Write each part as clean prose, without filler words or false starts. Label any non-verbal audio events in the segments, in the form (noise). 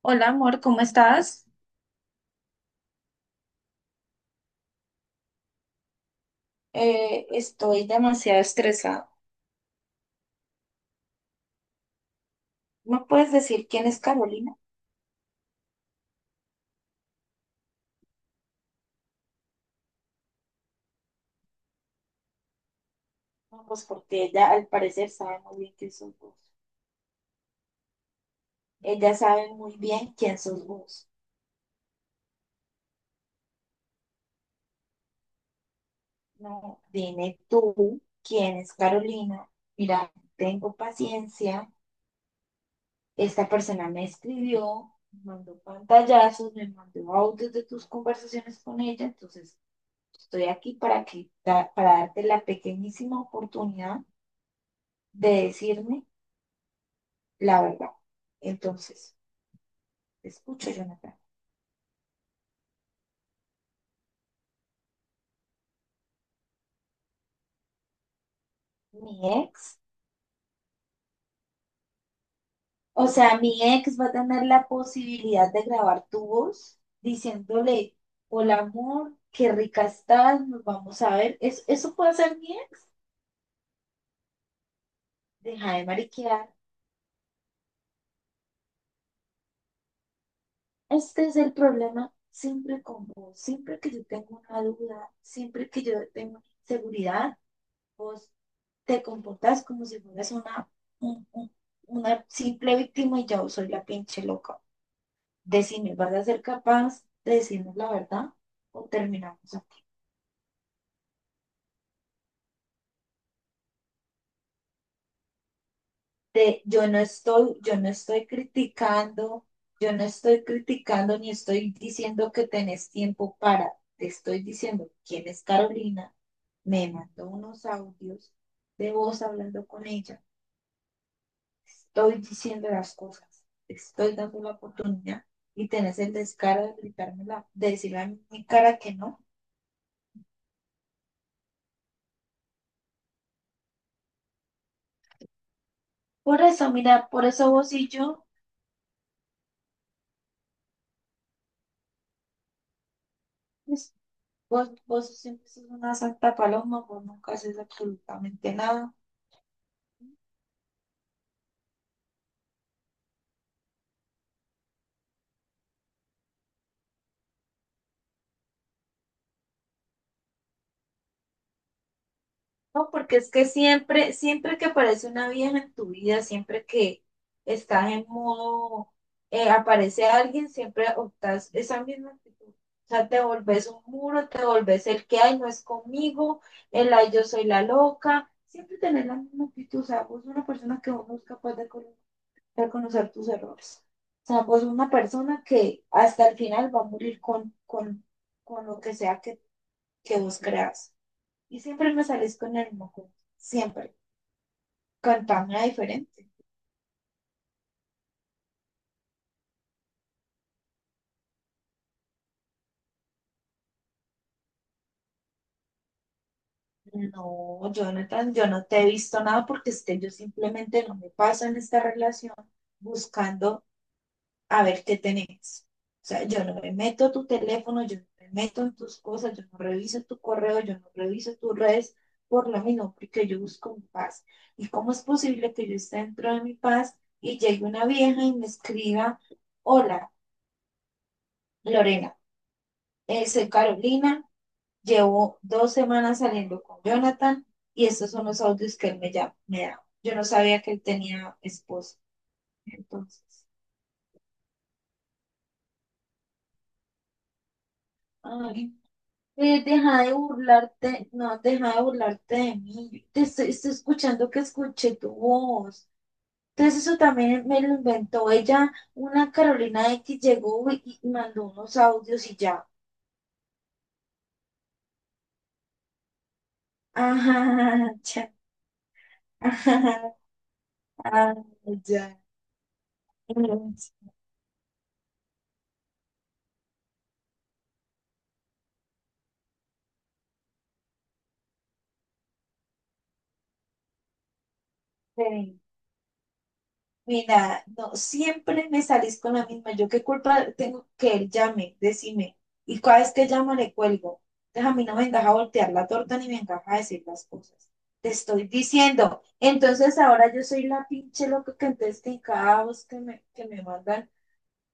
Hola amor, ¿cómo estás? Estoy demasiado estresada. ¿No puedes decir quién es Carolina? No, pues porque ella al parecer sabe muy bien quién sos vos. Ella sabe muy bien quién sos vos. No, dime tú quién es Carolina. Mira, tengo paciencia. Esta persona me escribió, me mandó pantallazos, me mandó audios de tus conversaciones con ella. Entonces, estoy aquí para darte la pequeñísima oportunidad de decirme la verdad. Entonces, te escucho, Jonathan. Mi ex, o sea, mi ex va a tener la posibilidad de grabar tu voz diciéndole, hola amor, qué rica estás, nos vamos a ver. ¿Eso puede ser bien? Deja de mariquear. Este es el problema siempre con vos. Siempre que yo tengo una duda, siempre que yo tengo una inseguridad, vos te comportas como si fueras un- un- una simple víctima y yo soy la pinche loca. Decime, ¿vas a ser capaz de decirnos la verdad o terminamos aquí? Te- yo no estoy, yo no estoy criticando, yo no estoy criticando ni estoy diciendo que tenés tiempo para, te estoy diciendo quién es Carolina, me mandó unos audios de voz hablando con ella, estoy diciendo las cosas, te estoy dando la oportunidad y tenés el descaro de gritármela, de decirle a mi cara que no. Por eso, mira, por eso vos y yo. pues, vos siempre sos una santa paloma, vos nunca haces absolutamente nada. No, porque es que siempre, siempre que aparece una vieja en tu vida, siempre que estás en modo, aparece alguien, siempre optas esa misma actitud. O sea, te volvés un muro, te volvés el que hay, no es conmigo, el ay, yo soy la loca. Siempre tenés la misma actitud. O sea, vos sos una persona que vos no es capaz de colocar. Reconocer tus errores. O sea, pues una persona que hasta el final va a morir con lo que sea que vos creas. Y siempre me salís con el moco, siempre. Cantame diferente. No, Jonathan, yo no te he visto nada porque es que yo simplemente no me paso en esta relación buscando a ver qué tenés. O sea, yo no me meto a tu teléfono, yo no me meto en tus cosas, yo no reviso tu correo, yo no reviso tus redes por lo mismo, porque yo busco mi paz. ¿Y cómo es posible que yo esté dentro de mi paz y llegue una vieja y me escriba, hola, Lorena, soy Carolina, llevo 2 semanas saliendo con Jonathan y estos son los audios que él me, ya, me da. Yo no sabía que él tenía esposa. Entonces, ay, deja de burlarte, no, deja de burlarte de mí. Yo te estoy escuchando que escuché tu voz. Entonces eso también me lo inventó ella, una Carolina X llegó y mandó unos audios y ya. (laughs) Ajá, ya, ajá, ah, ya. (laughs) Sí. Mira, no, siempre me salís con la misma. ¿Yo qué culpa tengo que él llame? Decime. Y cada vez que llamo le cuelgo. Entonces a mí no me encaja voltear la torta ni me encaja decir las cosas. Te estoy diciendo. Entonces ahora yo soy la pinche loca que entonces que en cada voz que me mandan,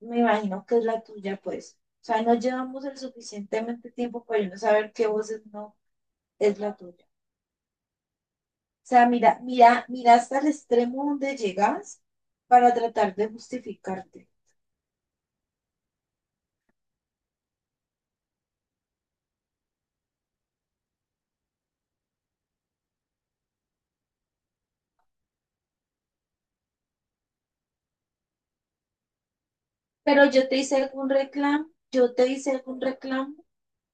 me imagino que es la tuya, pues. O sea, no llevamos el suficientemente tiempo para yo no saber qué voces no es la tuya. O sea, mira, mira, mira hasta el extremo donde llegas para tratar de justificarte. Pero yo te hice algún reclamo, yo te hice algún reclamo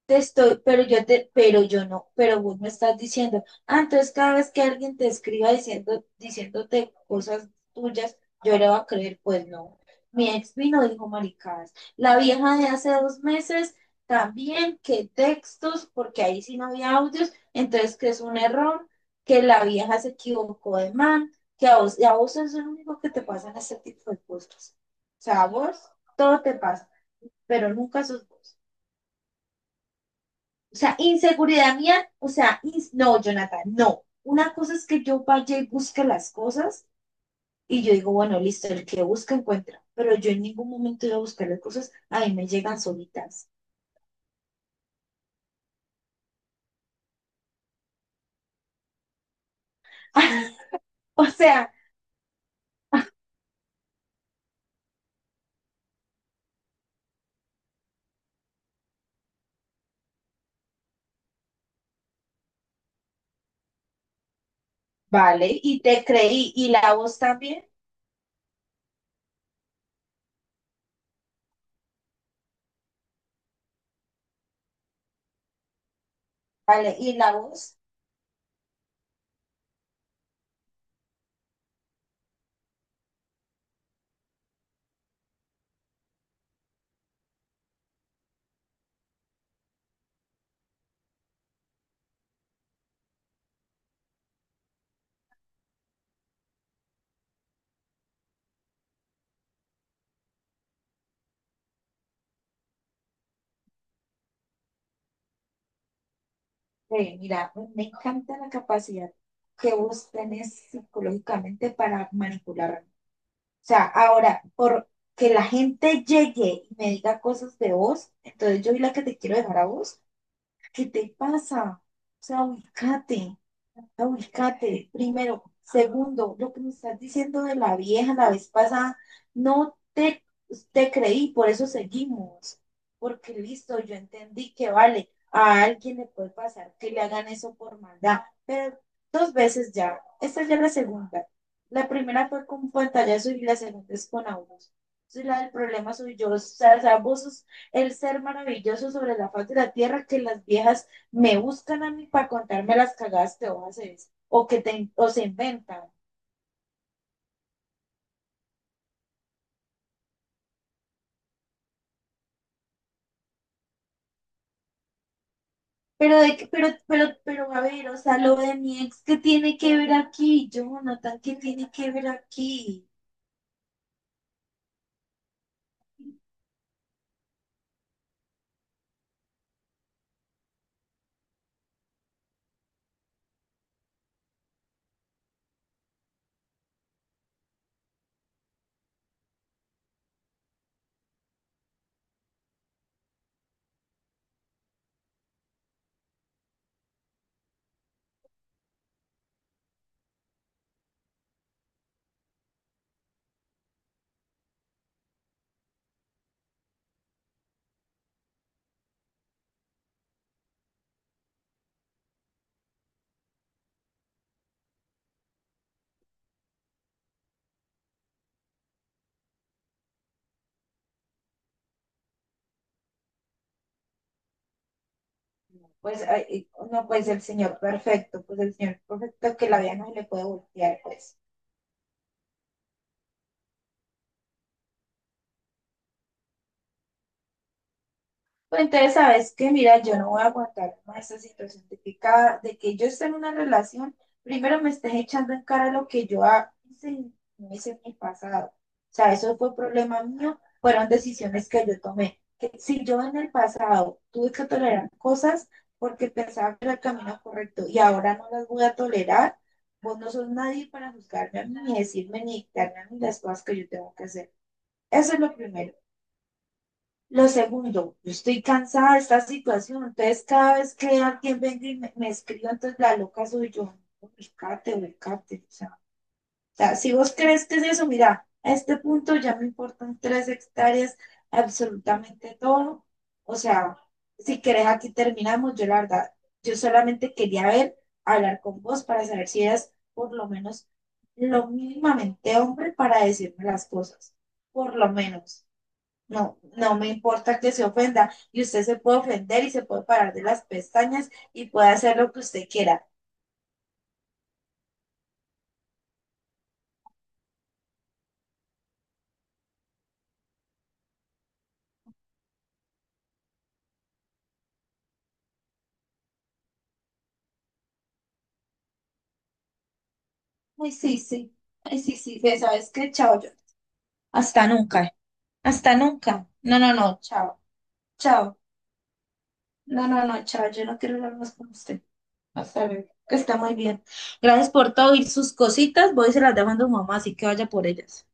te estoy, pero yo te, pero yo no, pero vos me estás diciendo, ah, entonces cada vez que alguien te escriba diciéndote cosas tuyas, yo le voy a creer, pues no. Mi ex vino dijo maricadas. La vieja de hace 2 meses también, que textos, porque ahí sí no había audios, entonces que es un error, que la vieja se equivocó de man, y a vos es lo único que te pasan este tipo de cosas. O sea, a vos todo te pasa, pero nunca sos vos. O sea, inseguridad mía, o sea, no, Jonathan, no. Una cosa es que yo vaya y busque las cosas y yo digo, bueno, listo, el que busca encuentra, pero yo en ningún momento iba a buscar las cosas, a mí me llegan solitas. (laughs) O sea, vale, y te creí, y la voz también, vale, y la voz, mira, me encanta la capacidad que vos tenés psicológicamente para manipular sea, ahora, por que la gente llegue y me diga cosas de vos, entonces yo soy la que te quiero dejar a vos, ¿qué te pasa? O sea, ubícate, ubícate, primero. Segundo, lo que me estás diciendo de la vieja la vez pasada, no te, te creí, por eso seguimos. Porque listo, yo entendí que vale, a alguien le puede pasar que le hagan eso por maldad, pero 2 veces ya. Esta ya es la segunda. La primera fue con pantallazo y la segunda es con abuso. Entonces, la del problema soy yo. O sea, vos sos el ser maravilloso sobre la faz de la tierra que las viejas me buscan a mí para contarme las cagadas que vos haces o se inventan. Pero, de, que- pero, a ver, o sea, lo de mi ex, ¿qué tiene que ver aquí? Jonathan, ¿qué tiene que ver aquí? No, pues, ay, no, pues el señor perfecto, pues el señor perfecto que la vida no se le puede voltear, pues. Pues entonces, ¿sabes qué? Mira, yo no voy a aguantar más esa situación de que yo esté en una relación, primero me estés echando en cara lo que yo hice en meses en el pasado. O sea, eso fue problema mío, fueron decisiones que yo tomé. Que si yo en el pasado tuve que tolerar cosas porque pensaba que era el camino correcto y ahora no las voy a tolerar, vos no sos nadie para juzgarme a mí, ni decirme, ni dictarme a mí las cosas que yo tengo que hacer. Eso es lo primero. Lo segundo, yo estoy cansada de esta situación, entonces cada vez que alguien venga y me escriba, entonces la loca soy yo. Ubicate, ubicate. O sea, si vos crees que es eso, mira, a este punto ya me importan 3 hectáreas, absolutamente todo. O sea, si querés aquí terminamos, yo la verdad, yo solamente quería ver, hablar con vos para saber si eras por lo menos lo mínimamente hombre para decirme las cosas, por lo menos. No, no me importa que se ofenda y usted se puede ofender y se puede parar de las pestañas y puede hacer lo que usted quiera. Ay, sí, sí. Ay, sí, sí, Fe, ¿sabes qué? Chao, yo. Hasta nunca. Hasta nunca. No, no, no, chao. Chao. No, no, no, chao. Yo no quiero hablar más con usted. Hasta luego. Que está muy bien. Gracias por todo y sus cositas. Voy y se las dejo a su mamá, así que vaya por ellas.